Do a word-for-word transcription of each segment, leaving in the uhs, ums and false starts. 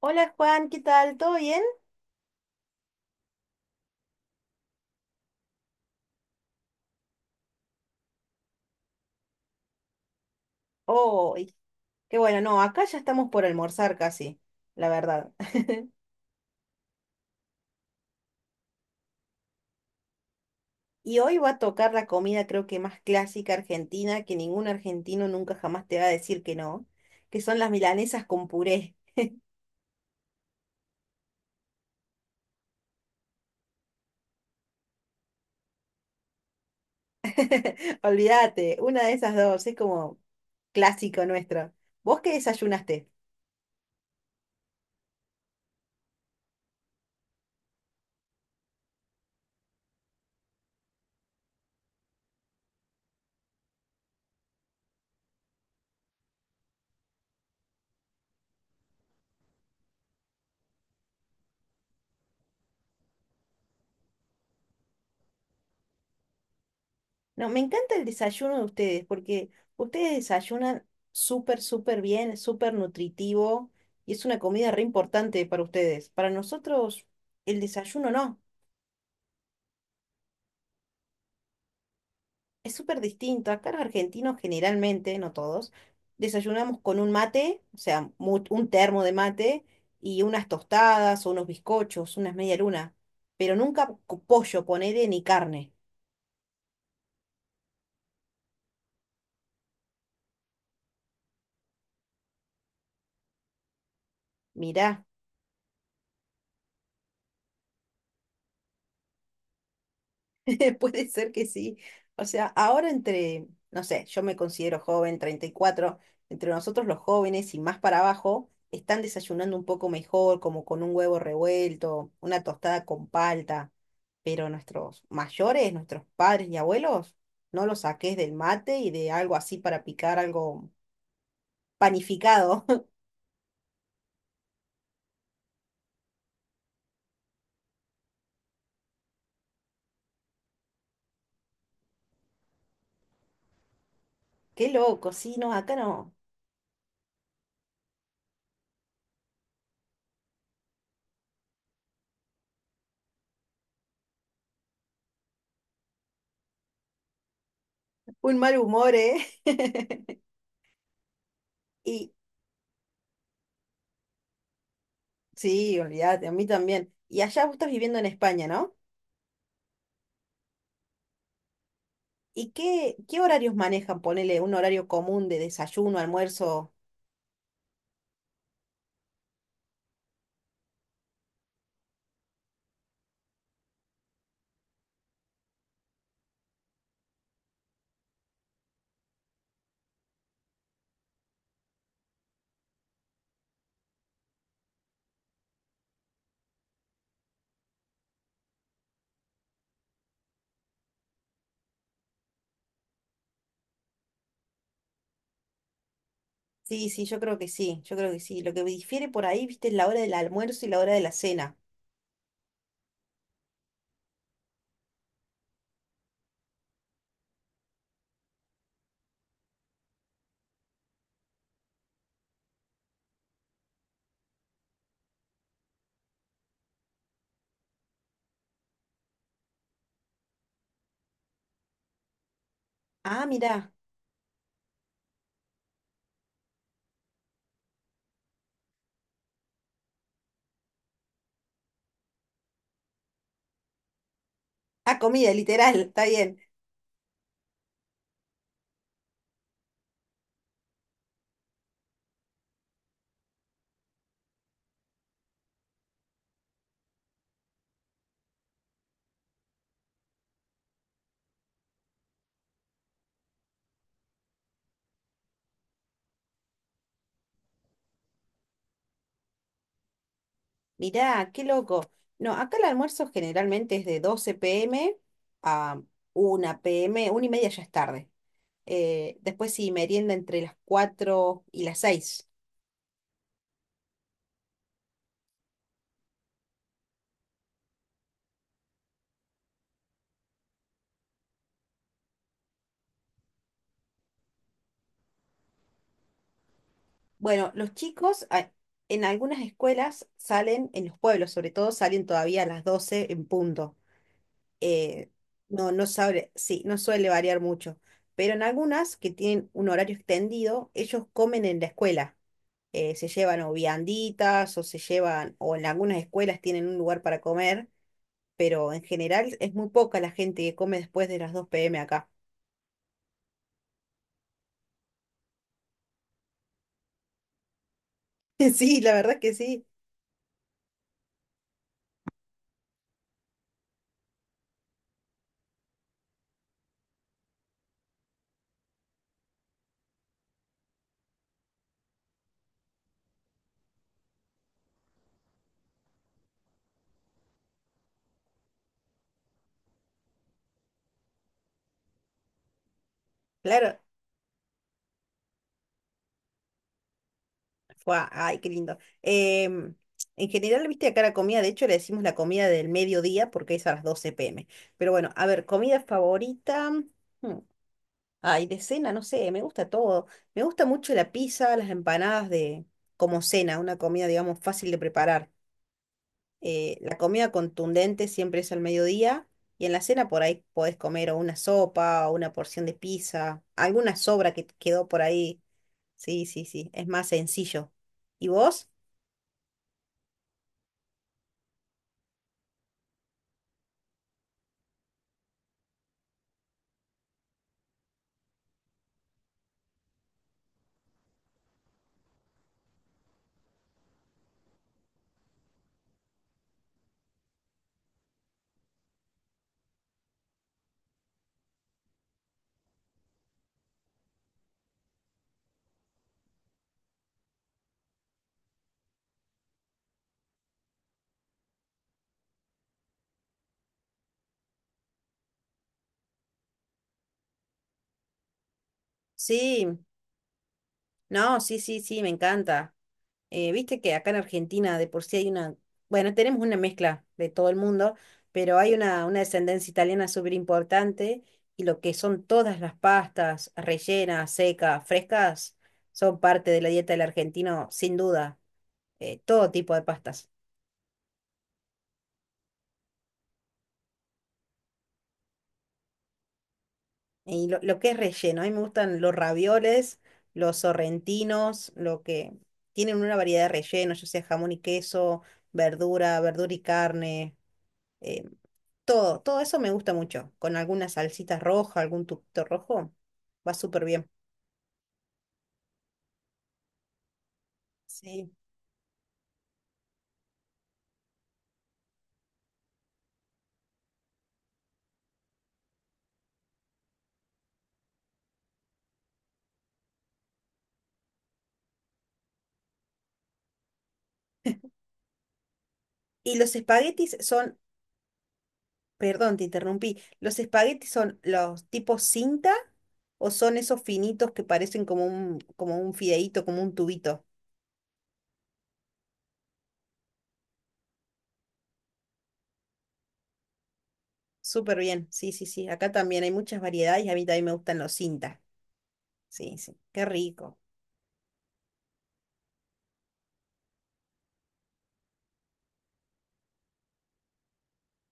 Hola Juan, ¿qué tal? ¿Todo bien? Hoy. Qué bueno. No, acá ya estamos por almorzar casi, la verdad. Y hoy va a tocar la comida, creo que más clásica argentina, que ningún argentino nunca jamás te va a decir que no, que son las milanesas con puré. Olvídate, una de esas dos, es como clásico nuestro. ¿Vos qué desayunaste? No, me encanta el desayuno de ustedes, porque ustedes desayunan súper, súper bien, súper nutritivo, y es una comida re importante para ustedes. Para nosotros el desayuno no, es súper distinto. Acá los argentinos generalmente, no todos, desayunamos con un mate, o sea, mu- un termo de mate y unas tostadas o unos bizcochos, unas media luna, pero nunca co- pollo, ponele, ni carne. Mirá. Puede ser que sí. O sea, ahora, entre, no sé, yo me considero joven, treinta y cuatro, entre nosotros los jóvenes y más para abajo, están desayunando un poco mejor, como con un huevo revuelto, una tostada con palta. Pero nuestros mayores, nuestros padres y abuelos, no los saques del mate y de algo así para picar algo panificado. Qué loco. Sí, no, acá no. Un mal humor, ¿eh? Y sí, olvídate, a mí también. Y allá vos estás viviendo en España, ¿no? ¿Y qué, qué horarios manejan? Ponele un horario común de desayuno, almuerzo. Sí, sí, yo creo que sí, yo creo que sí. Lo que difiere por ahí, viste, es la hora del almuerzo y la hora de la cena. Ah, mirá. Ah, comida, literal, está bien. Mirá, qué loco. No, acá el almuerzo generalmente es de doce pm a una pm, una y media ya es tarde. Eh, después sí, merienda entre las cuatro y las seis. Bueno, los chicos a- en algunas escuelas salen, en los pueblos sobre todo, salen todavía a las doce en punto. Eh, no, no sabe, sí, no suele variar mucho. Pero en algunas que tienen un horario extendido, ellos comen en la escuela. Eh, se llevan o vianditas o se llevan, o en algunas escuelas tienen un lugar para comer, pero en general es muy poca la gente que come después de las dos pm acá. Sí, la verdad que sí. Claro. Fua, ay, qué lindo. Em, en general, viste, acá la comida, de hecho, le decimos la comida del mediodía, porque es a las doce pm. Pero bueno, a ver, comida favorita. hmm, Ay, de cena, no sé, me gusta todo. Me gusta mucho la pizza, las empanadas, de como cena, una comida, digamos, fácil de preparar. Eh, la comida contundente siempre es al mediodía, y en la cena por ahí podés comer o una sopa o una porción de pizza, alguna sobra que te quedó por ahí. Sí, sí, sí, es más sencillo. ¿Y vos? Sí, no, sí, sí, sí, me encanta. Eh, viste que acá en Argentina de por sí hay una, bueno, tenemos una mezcla de todo el mundo, pero hay una, una descendencia italiana súper importante, y lo que son todas las pastas rellenas, secas, frescas, son parte de la dieta del argentino, sin duda. Eh, todo tipo de pastas. Y lo, lo que es relleno, a mí me gustan los ravioles, los sorrentinos, lo que tienen una variedad de rellenos, ya sea jamón y queso, verdura, verdura y carne. eh, Todo, todo eso me gusta mucho. Con alguna salsita roja, algún tubito rojo, va súper bien. Sí. Y los espaguetis son, perdón, te interrumpí, ¿los espaguetis son los tipos cinta o son esos finitos que parecen como un, como un fideíto, como un tubito? Súper bien, sí, sí, sí. Acá también hay muchas variedades, y a mí también me gustan los cinta. Sí, sí, qué rico.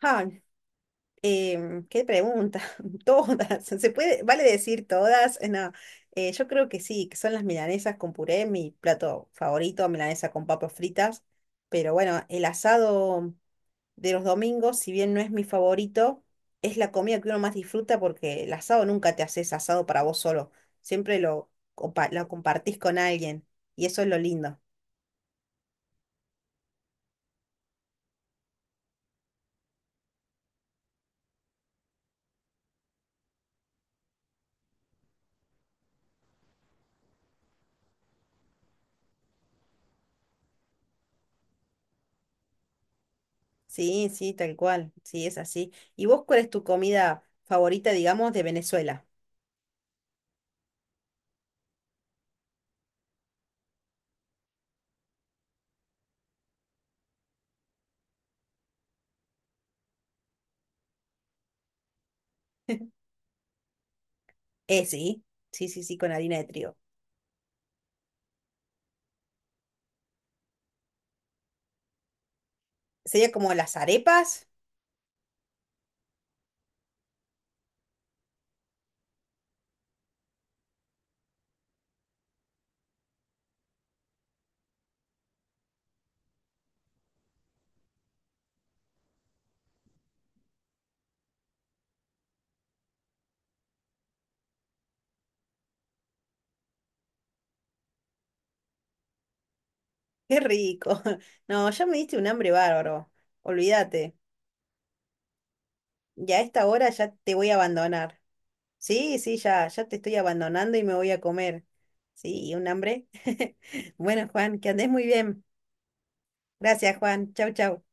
Ah. Em, ¿qué pregunta? Todas. ¿Se puede, vale decir todas? Eh, No, eh, yo creo que sí, que son las milanesas con puré, mi plato favorito, milanesa con papas fritas. Pero bueno, el asado de los domingos, si bien no es mi favorito, es la comida que uno más disfruta, porque el asado nunca te haces asado para vos solo. Siempre lo, compa- lo compartís con alguien, y eso es lo lindo. Sí, sí, tal cual. Sí, es así. ¿Y vos cuál es tu comida favorita, digamos, de Venezuela? Eh, sí, sí, sí, sí, con harina de trigo. Sería como las arepas. Qué rico. No, ya me diste un hambre bárbaro. Olvídate. Ya a esta hora ya te voy a abandonar. Sí, sí, ya, ya te estoy abandonando y me voy a comer. Sí, y un hambre. Bueno, Juan, que andes muy bien. Gracias, Juan. Chau, chau.